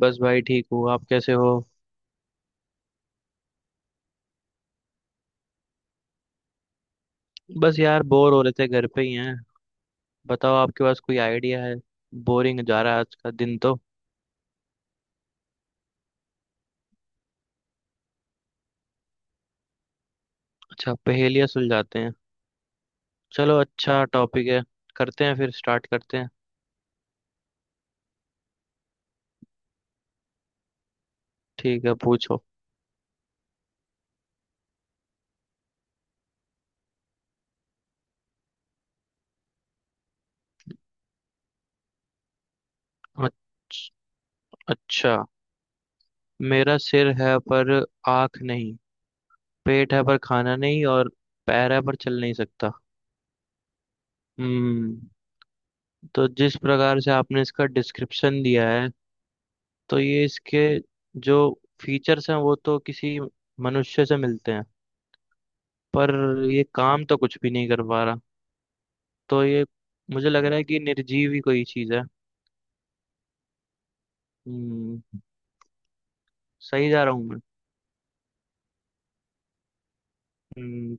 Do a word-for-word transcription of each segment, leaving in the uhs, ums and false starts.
बस भाई ठीक हूँ। आप कैसे हो। बस यार बोर हो रहे थे घर पे ही हैं। बताओ आपके पास कोई आइडिया है। बोरिंग जा रहा है आज का दिन तो। अच्छा पहेलियाँ सुलझाते हैं। चलो अच्छा टॉपिक है। करते हैं फिर स्टार्ट करते हैं। ठीक है पूछो। अच्छ- अच्छा। मेरा सिर है पर आँख नहीं। पेट है पर खाना नहीं। और पैर है पर चल नहीं सकता। हम्म। तो जिस प्रकार से आपने इसका डिस्क्रिप्शन दिया है, तो ये इसके जो फीचर्स हैं वो तो किसी मनुष्य से मिलते हैं। पर ये काम तो कुछ भी नहीं कर पा रहा। तो ये मुझे लग रहा है कि निर्जीव ही कोई चीज़ है। हम्म। सही जा रहा हूँ मैं। हम्म,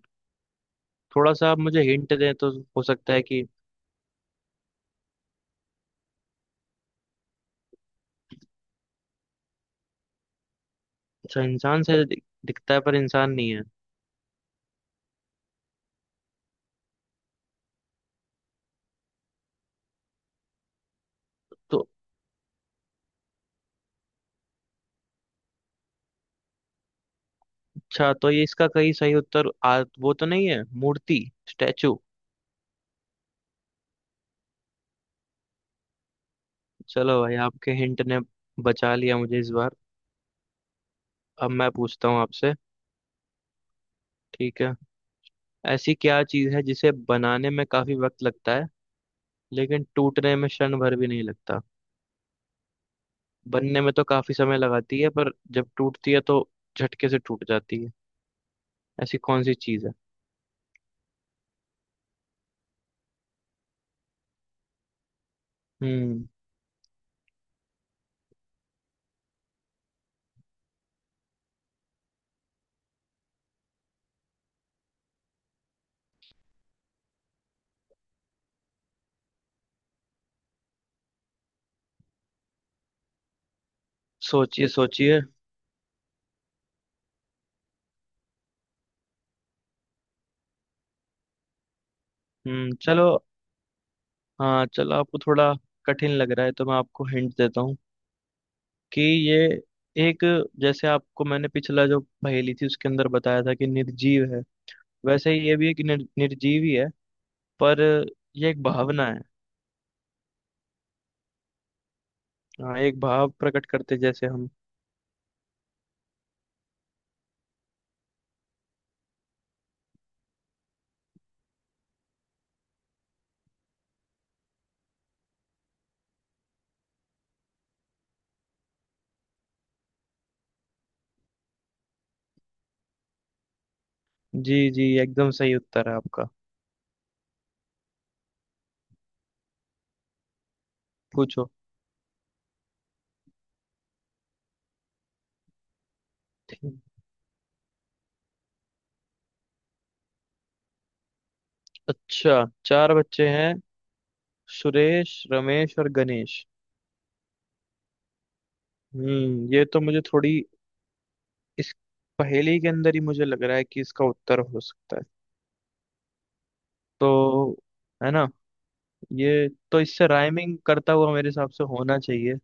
थोड़ा सा आप मुझे हिंट दें तो हो सकता है कि। अच्छा, इंसान से दि- दिखता है पर इंसान नहीं है तो। अच्छा तो ये इसका कई सही उत्तर, आ, वो तो नहीं है मूर्ति। स्टैचू। चलो भाई, आपके हिंट ने बचा लिया मुझे इस बार। अब मैं पूछता हूँ आपसे। ठीक है। ऐसी क्या चीज है जिसे बनाने में काफी वक्त लगता है लेकिन टूटने में क्षण भर भी नहीं लगता। बनने में तो काफी समय लगाती है पर जब टूटती है तो झटके से टूट जाती है। ऐसी कौन सी चीज है। हम्म। सोचिए सोचिए। हम्म। चलो, हाँ चलो, आपको थोड़ा कठिन लग रहा है तो मैं आपको हिंट देता हूँ कि ये एक, जैसे आपको मैंने पिछला जो पहेली थी उसके अंदर बताया था कि निर्जीव है, वैसे ही ये भी एक निर, निर्जीव ही है। पर ये एक भावना है। हाँ एक भाव प्रकट करते जैसे हम। जी जी, एकदम सही उत्तर है आपका। पूछो। अच्छा, चार बच्चे हैं। सुरेश रमेश और गणेश। हम्म, ये तो मुझे थोड़ी इस पहेली के अंदर ही मुझे लग रहा है कि इसका उत्तर हो सकता है। तो है ना, ये तो इससे राइमिंग करता हुआ मेरे हिसाब से होना चाहिए,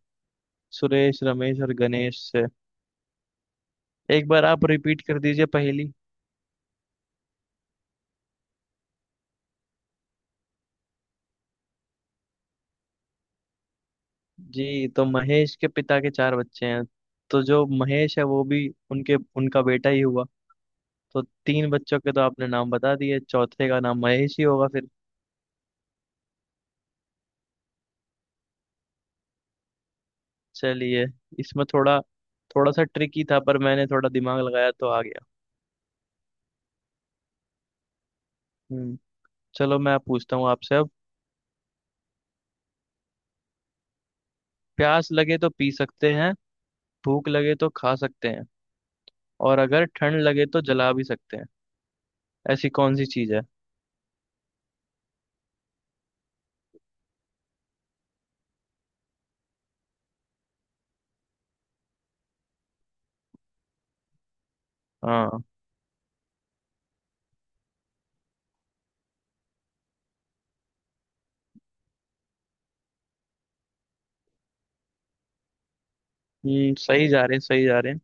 सुरेश रमेश और गणेश से। एक बार आप रिपीट कर दीजिए पहेली। जी, तो महेश के पिता के चार बच्चे हैं। तो जो महेश है वो भी उनके उनका बेटा ही हुआ। तो तीन बच्चों के तो आपने नाम बता दिए, चौथे का नाम महेश ही होगा फिर। चलिए, इसमें थोड़ा थोड़ा सा ट्रिकी था पर मैंने थोड़ा दिमाग लगाया तो आ गया। हम्म। चलो मैं पूछता हूँ आपसे अब। प्यास लगे तो पी सकते हैं। भूख लगे तो खा सकते हैं। और अगर ठंड लगे तो जला भी सकते हैं। ऐसी कौन सी चीज है। हाँ। हम्म, सही जा रहे हैं सही जा रहे हैं।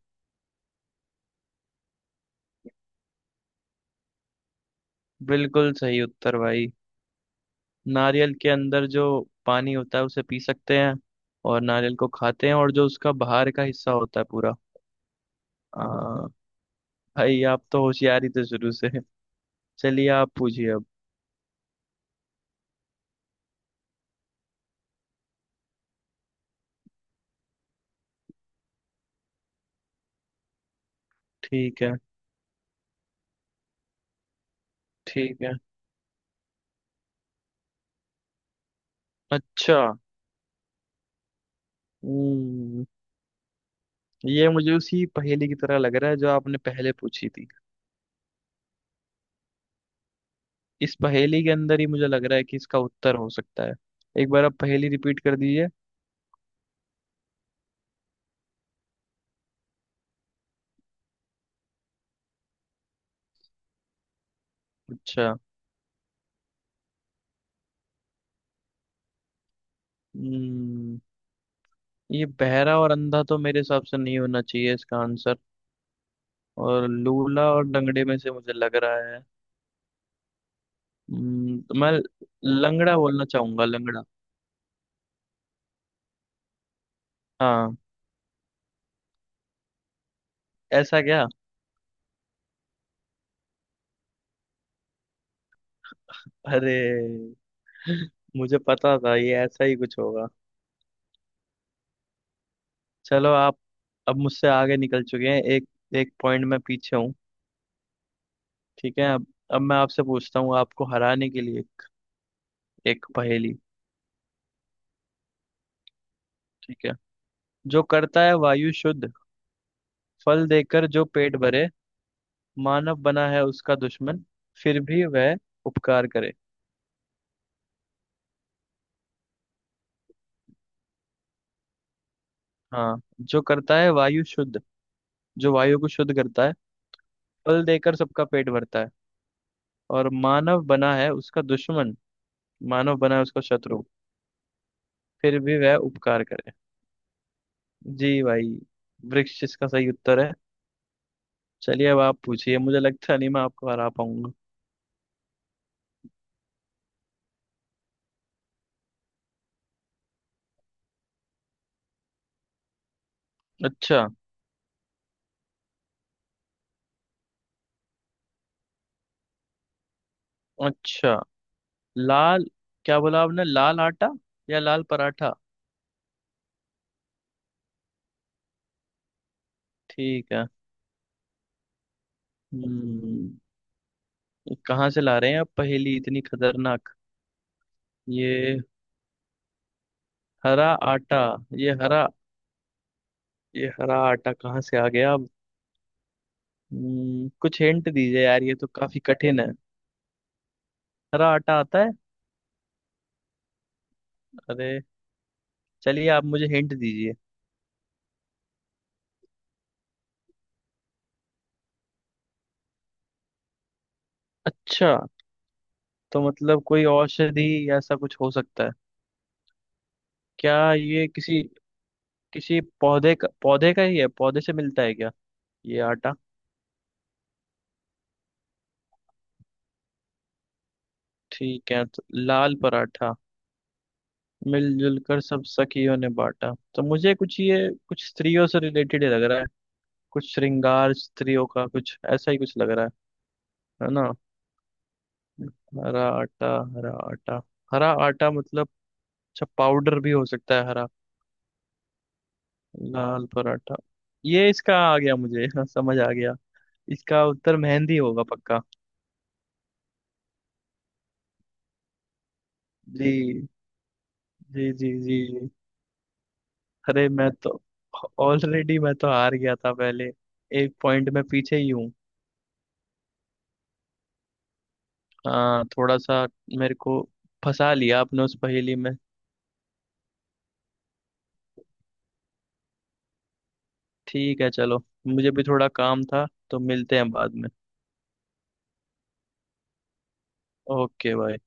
बिल्कुल सही उत्तर भाई। नारियल के अंदर जो पानी होता है उसे पी सकते हैं। और नारियल को खाते हैं और जो उसका बाहर का हिस्सा होता है पूरा। आ, भाई आप तो होशियारी तो शुरू से है। चलिए आप पूछिए अब। ठीक है। ठीक है। अच्छा। हम्म, ये मुझे उसी पहेली की तरह लग रहा है जो आपने पहले पूछी थी। इस पहेली के अंदर ही मुझे लग रहा है कि इसका उत्तर हो सकता है। एक बार आप पहेली रिपीट कर दीजिए। अच्छा। हम्म, ये बहरा और अंधा तो मेरे हिसाब से नहीं होना चाहिए इसका आंसर। और लूला और लंगड़े में से मुझे लग रहा है। हम्म, तो मैं लंगड़ा बोलना चाहूंगा, लंगड़ा। हाँ, ऐसा क्या। अरे, मुझे पता था ये ऐसा ही कुछ होगा। चलो आप। अब मुझसे आगे निकल चुके हैं। एक एक पॉइंट में पीछे हूँ। ठीक है अब अब मैं आपसे पूछता हूँ आपको हराने के लिए एक पहेली। ठीक है। जो करता है वायु शुद्ध। फल देकर जो पेट भरे। मानव बना है उसका दुश्मन। फिर भी वह उपकार करे। हाँ, जो करता है वायु शुद्ध। जो वायु को शुद्ध करता है। फल देकर सबका पेट भरता है। और मानव बना है उसका दुश्मन। मानव बना है उसका शत्रु। फिर भी वह उपकार करे। जी भाई, वृक्ष इसका सही उत्तर है। चलिए अब आप पूछिए। मुझे लगता नहीं मैं आपको हरा पाऊंगा। अच्छा। अच्छा। लाल, क्या बोला आपने, लाल आटा या लाल पराठा। ठीक है। हम्म, ये कहाँ से ला रहे हैं आप पहेली इतनी खतरनाक। ये हरा आटा। ये हरा। ये हरा आटा कहाँ से आ गया अब। हम्म, कुछ हिंट दीजिए यार, ये तो काफी कठिन है। हरा आटा आता है। अरे, चलिए आप मुझे हिंट दीजिए। अच्छा, तो मतलब कोई औषधि ऐसा कुछ हो सकता है। क्या ये किसी किसी पौधे का पौधे का ही है, पौधे से मिलता है क्या ये आटा। ठीक है, तो लाल पराठा मिलजुल कर सब सखियों ने बांटा, तो मुझे कुछ ये कुछ स्त्रियों से रिलेटेड ही लग रहा है। कुछ श्रृंगार स्त्रियों का, कुछ ऐसा ही कुछ लग रहा है। है ना। हरा आटा, हरा आटा, हरा आटा मतलब, अच्छा पाउडर भी हो सकता है हरा। लाल पराठा। ये इसका आ गया मुझे हाँ, समझ आ गया। इसका उत्तर मेहंदी होगा पक्का। जी जी जी जी जी। अरे, मैं तो ऑलरेडी मैं तो हार गया था पहले। एक पॉइंट में पीछे ही हूँ। हाँ, थोड़ा सा मेरे को फंसा लिया आपने उस पहेली में। ठीक है चलो, मुझे भी थोड़ा काम था तो मिलते हैं बाद में। ओके भाई।